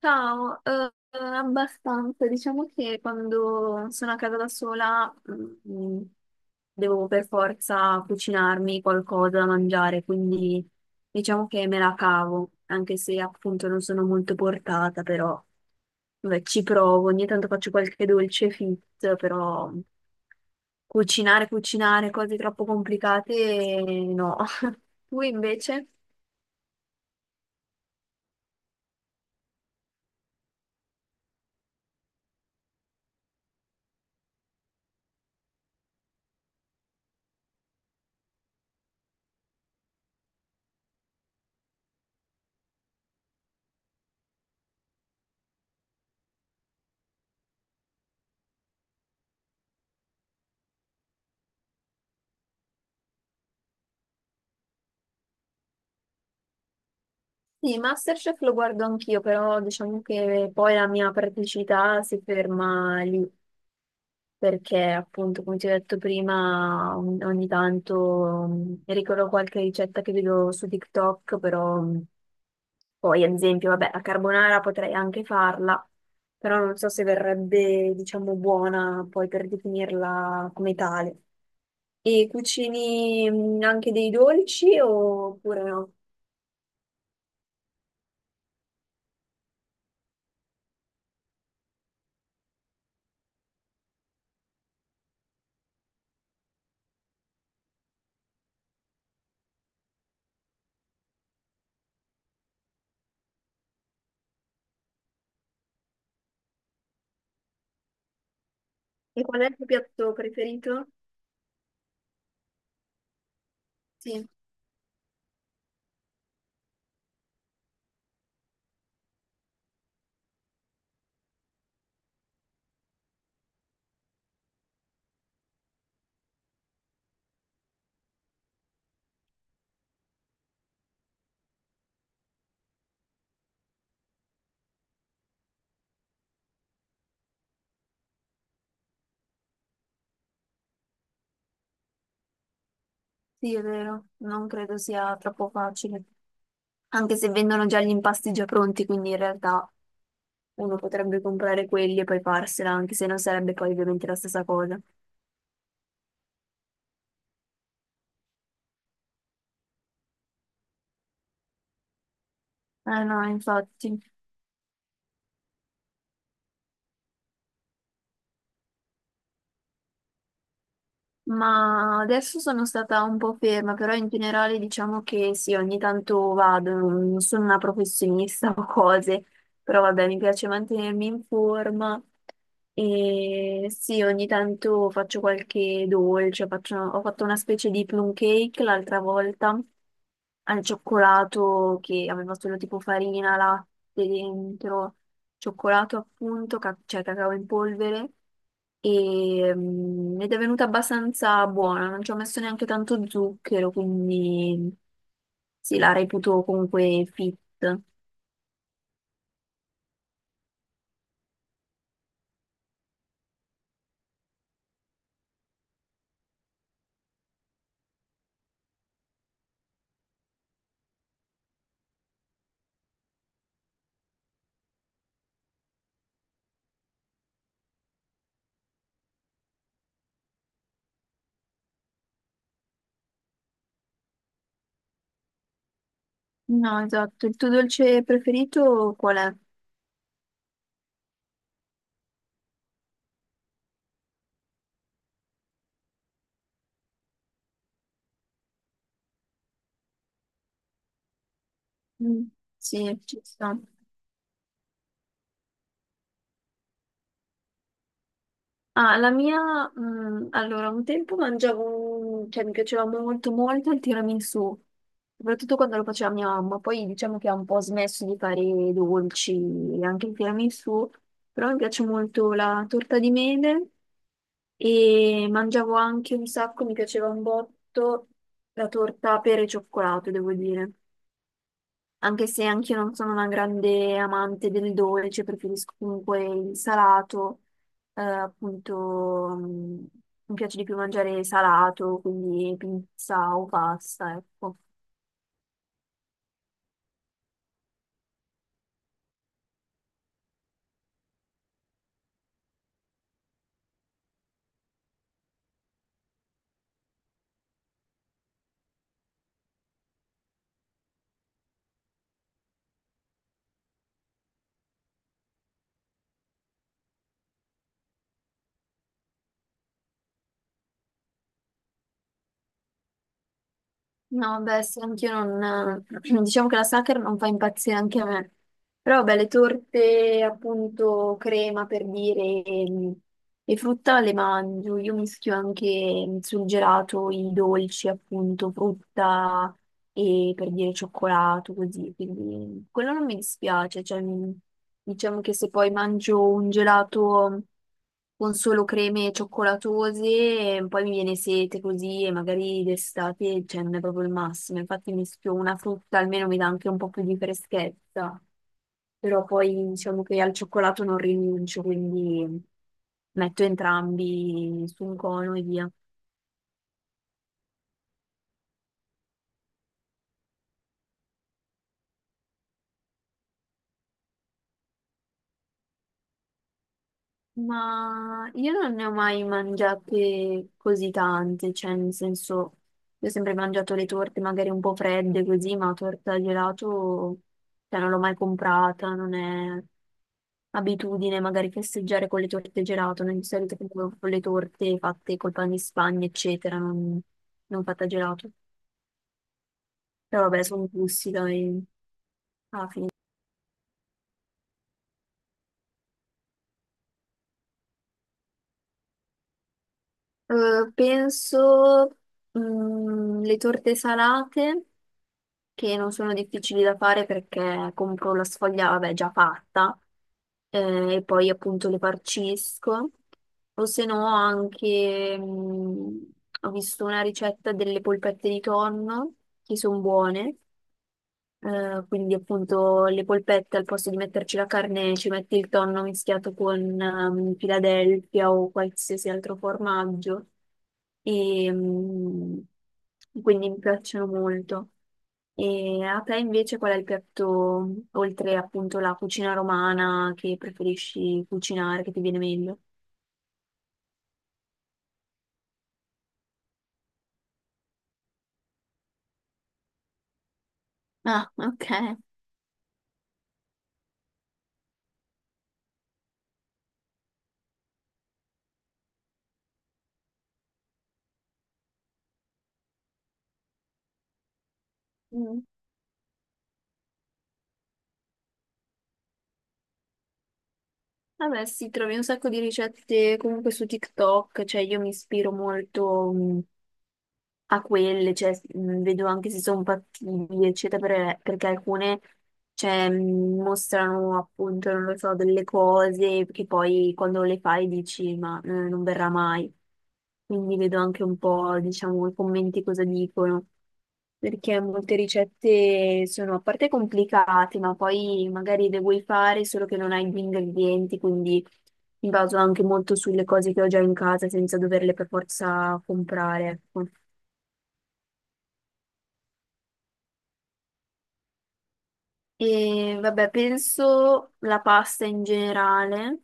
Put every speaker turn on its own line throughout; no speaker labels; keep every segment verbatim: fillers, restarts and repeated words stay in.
Ciao, eh, abbastanza. Diciamo che quando sono a casa da sola, mm, devo per forza cucinarmi qualcosa da mangiare, quindi diciamo che me la cavo, anche se appunto non sono molto portata, però vabbè, ci provo. Ogni tanto faccio qualche dolce fit, però cucinare, cucinare cose troppo complicate, no. Tu invece? Sì, Masterchef lo guardo anch'io, però diciamo che poi la mia praticità si ferma lì, perché appunto, come ti ho detto prima, ogni ogni tanto mm, ricordo qualche ricetta che vedo su TikTok, però mm, poi ad esempio, vabbè, la carbonara potrei anche farla, però non so se verrebbe, diciamo, buona poi per definirla come tale. E cucini mm, anche dei dolci oppure no? E qual è il tuo piatto preferito? Sì. Sì, è vero, non credo sia troppo facile, anche se vendono già gli impasti già pronti, quindi in realtà uno potrebbe comprare quelli e poi farsela, anche se non sarebbe poi ovviamente la stessa cosa. Eh no, infatti, ma adesso sono stata un po' ferma, però in generale diciamo che sì, ogni tanto vado, non sono una professionista o cose. Però vabbè, mi piace mantenermi in forma e sì, ogni tanto faccio qualche dolce, faccio- ho fatto una specie di plum cake l'altra volta al cioccolato che aveva solo tipo farina, latte dentro, cioccolato appunto, ca- cioè cacao in polvere e, mm, ed è venuta abbastanza buona, non ci ho messo neanche tanto zucchero, quindi sì, la reputo comunque fit. No, esatto. Il tuo dolce preferito qual è? Mm, sì, ci sta. Ah, la mia, mm, allora, un tempo mangiavo, un- cioè, mi piaceva molto molto il tiramisù, soprattutto quando lo faceva mia mamma. Poi diciamo che ha un po' smesso di fare i dolci e anche il tiramisù, però mi piace molto la torta di mele e mangiavo anche un sacco, mi piaceva un botto la torta pere e cioccolato, devo dire. Anche se anch'io non sono una grande amante del dolce, preferisco comunque il salato, eh, appunto, mh, mi piace di più mangiare salato, quindi pizza o pasta, ecco. No, beh, sì, anch'io non. Diciamo che la Sacher non fa impazzire anche a me. Però, beh, le torte, appunto, crema per dire, e, e frutta le mangio. Io mischio anche sul gelato i dolci, appunto, frutta e per dire cioccolato, così. Quindi quello non mi dispiace. Cioè, mi- diciamo che se poi mangio un gelato con solo creme cioccolatose, e poi mi viene sete così e magari d'estate, cioè, non è proprio il massimo. Infatti mischio una frutta, almeno mi dà anche un po' più di freschezza. Però poi diciamo che al cioccolato non rinuncio, quindi metto entrambi su un cono e via. Ma io non ne ho mai mangiate così tante, cioè nel senso, io ho sempre mangiato le torte magari un po' fredde così, ma torta al gelato, cioè non l'ho mai comprata, non è abitudine magari festeggiare con le torte gelato, non di solito compro con le torte fatte col pan di Spagna, eccetera, non, non fatta gelato. Però vabbè, sono gusti, dai. Eh, penso mm, le torte salate, che non sono difficili da fare perché compro la sfoglia, vabbè, già fatta, eh, e poi appunto le farcisco. O se no anche, mm, ho visto una ricetta delle polpette di tonno, che sono buone. Eh, quindi appunto le polpette al posto di metterci la carne ci metti il tonno mischiato con ehm, Philadelphia o qualsiasi altro formaggio e mm, quindi mi piacciono molto. E a te invece qual è il piatto, oltre appunto la cucina romana, che preferisci cucinare, che ti viene meglio? Ah, ok. Mm. Vabbè, sì, trovi un sacco di ricette comunque su TikTok, cioè io mi ispiro molto mh, a quelle, cioè mh, vedo anche se sono fattibili, eccetera, per- perché alcune cioè, mh, mostrano appunto, non lo so, delle cose che poi quando le fai dici ma eh, non verrà mai. Quindi vedo anche un po', diciamo, i commenti cosa dicono. Perché molte ricette sono a parte complicate, ma poi magari le vuoi fare solo che non hai gli ingredienti, quindi mi baso anche molto sulle cose che ho già in casa senza doverle per forza comprare, ecco. E vabbè, penso la pasta in generale.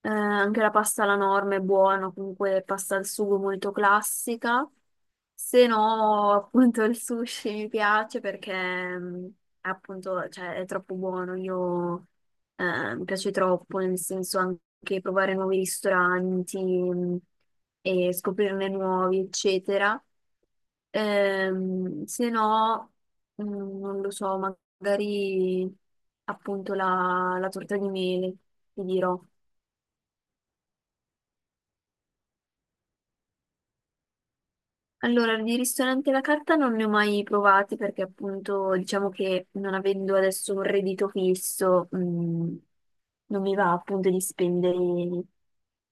Eh, anche la pasta alla norma è buona, comunque pasta al sugo molto classica. Se no, appunto, il sushi mi piace perché mm, è appunto, cioè, è troppo buono. Io eh, mi piace troppo, nel senso anche provare nuovi ristoranti mm, e scoprirne nuovi, eccetera. Ehm, se no, mm, non lo so, magari appunto la, la torta di mele, ti dirò. Allora, di ristoranti alla carta non ne ho mai provati perché appunto diciamo che non avendo adesso un reddito fisso, mh, non mi va appunto di spendere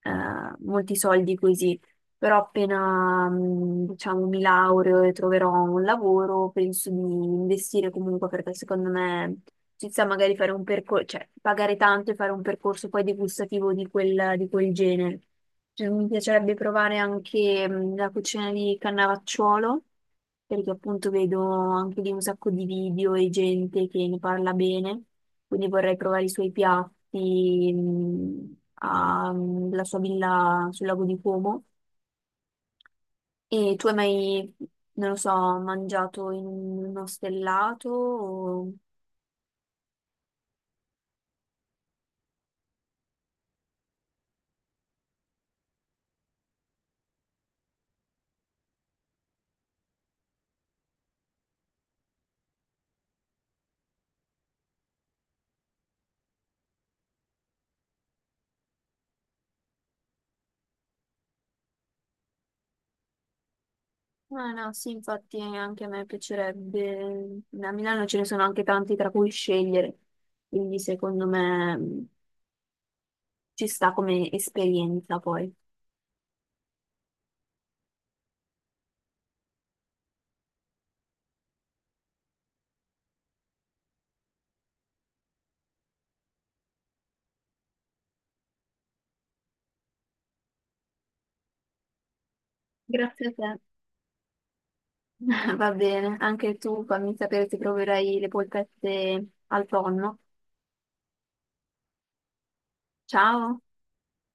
eh, molti soldi così però appena, mh, diciamo, mi laureo e troverò un lavoro, penso di investire comunque perché secondo me ci sta magari fare un percorso, cioè pagare tanto e fare un percorso poi degustativo di quel, di quel genere. Cioè, mi piacerebbe provare anche mh, la cucina di Cannavacciuolo, perché appunto vedo anche lì un sacco di video e gente che ne parla bene, quindi vorrei provare i suoi piatti, mh, a- mm, la sua villa sul lago di Como e tu hai mai, non lo so, mangiato in uno stellato? o- Ah, no, sì, infatti anche a me piacerebbe. A Milano ce ne sono anche tanti tra cui scegliere, quindi secondo me mh, ci sta come esperienza poi. Grazie a te. Va bene, anche tu fammi sapere se proverai le polpette al tonno. Ciao!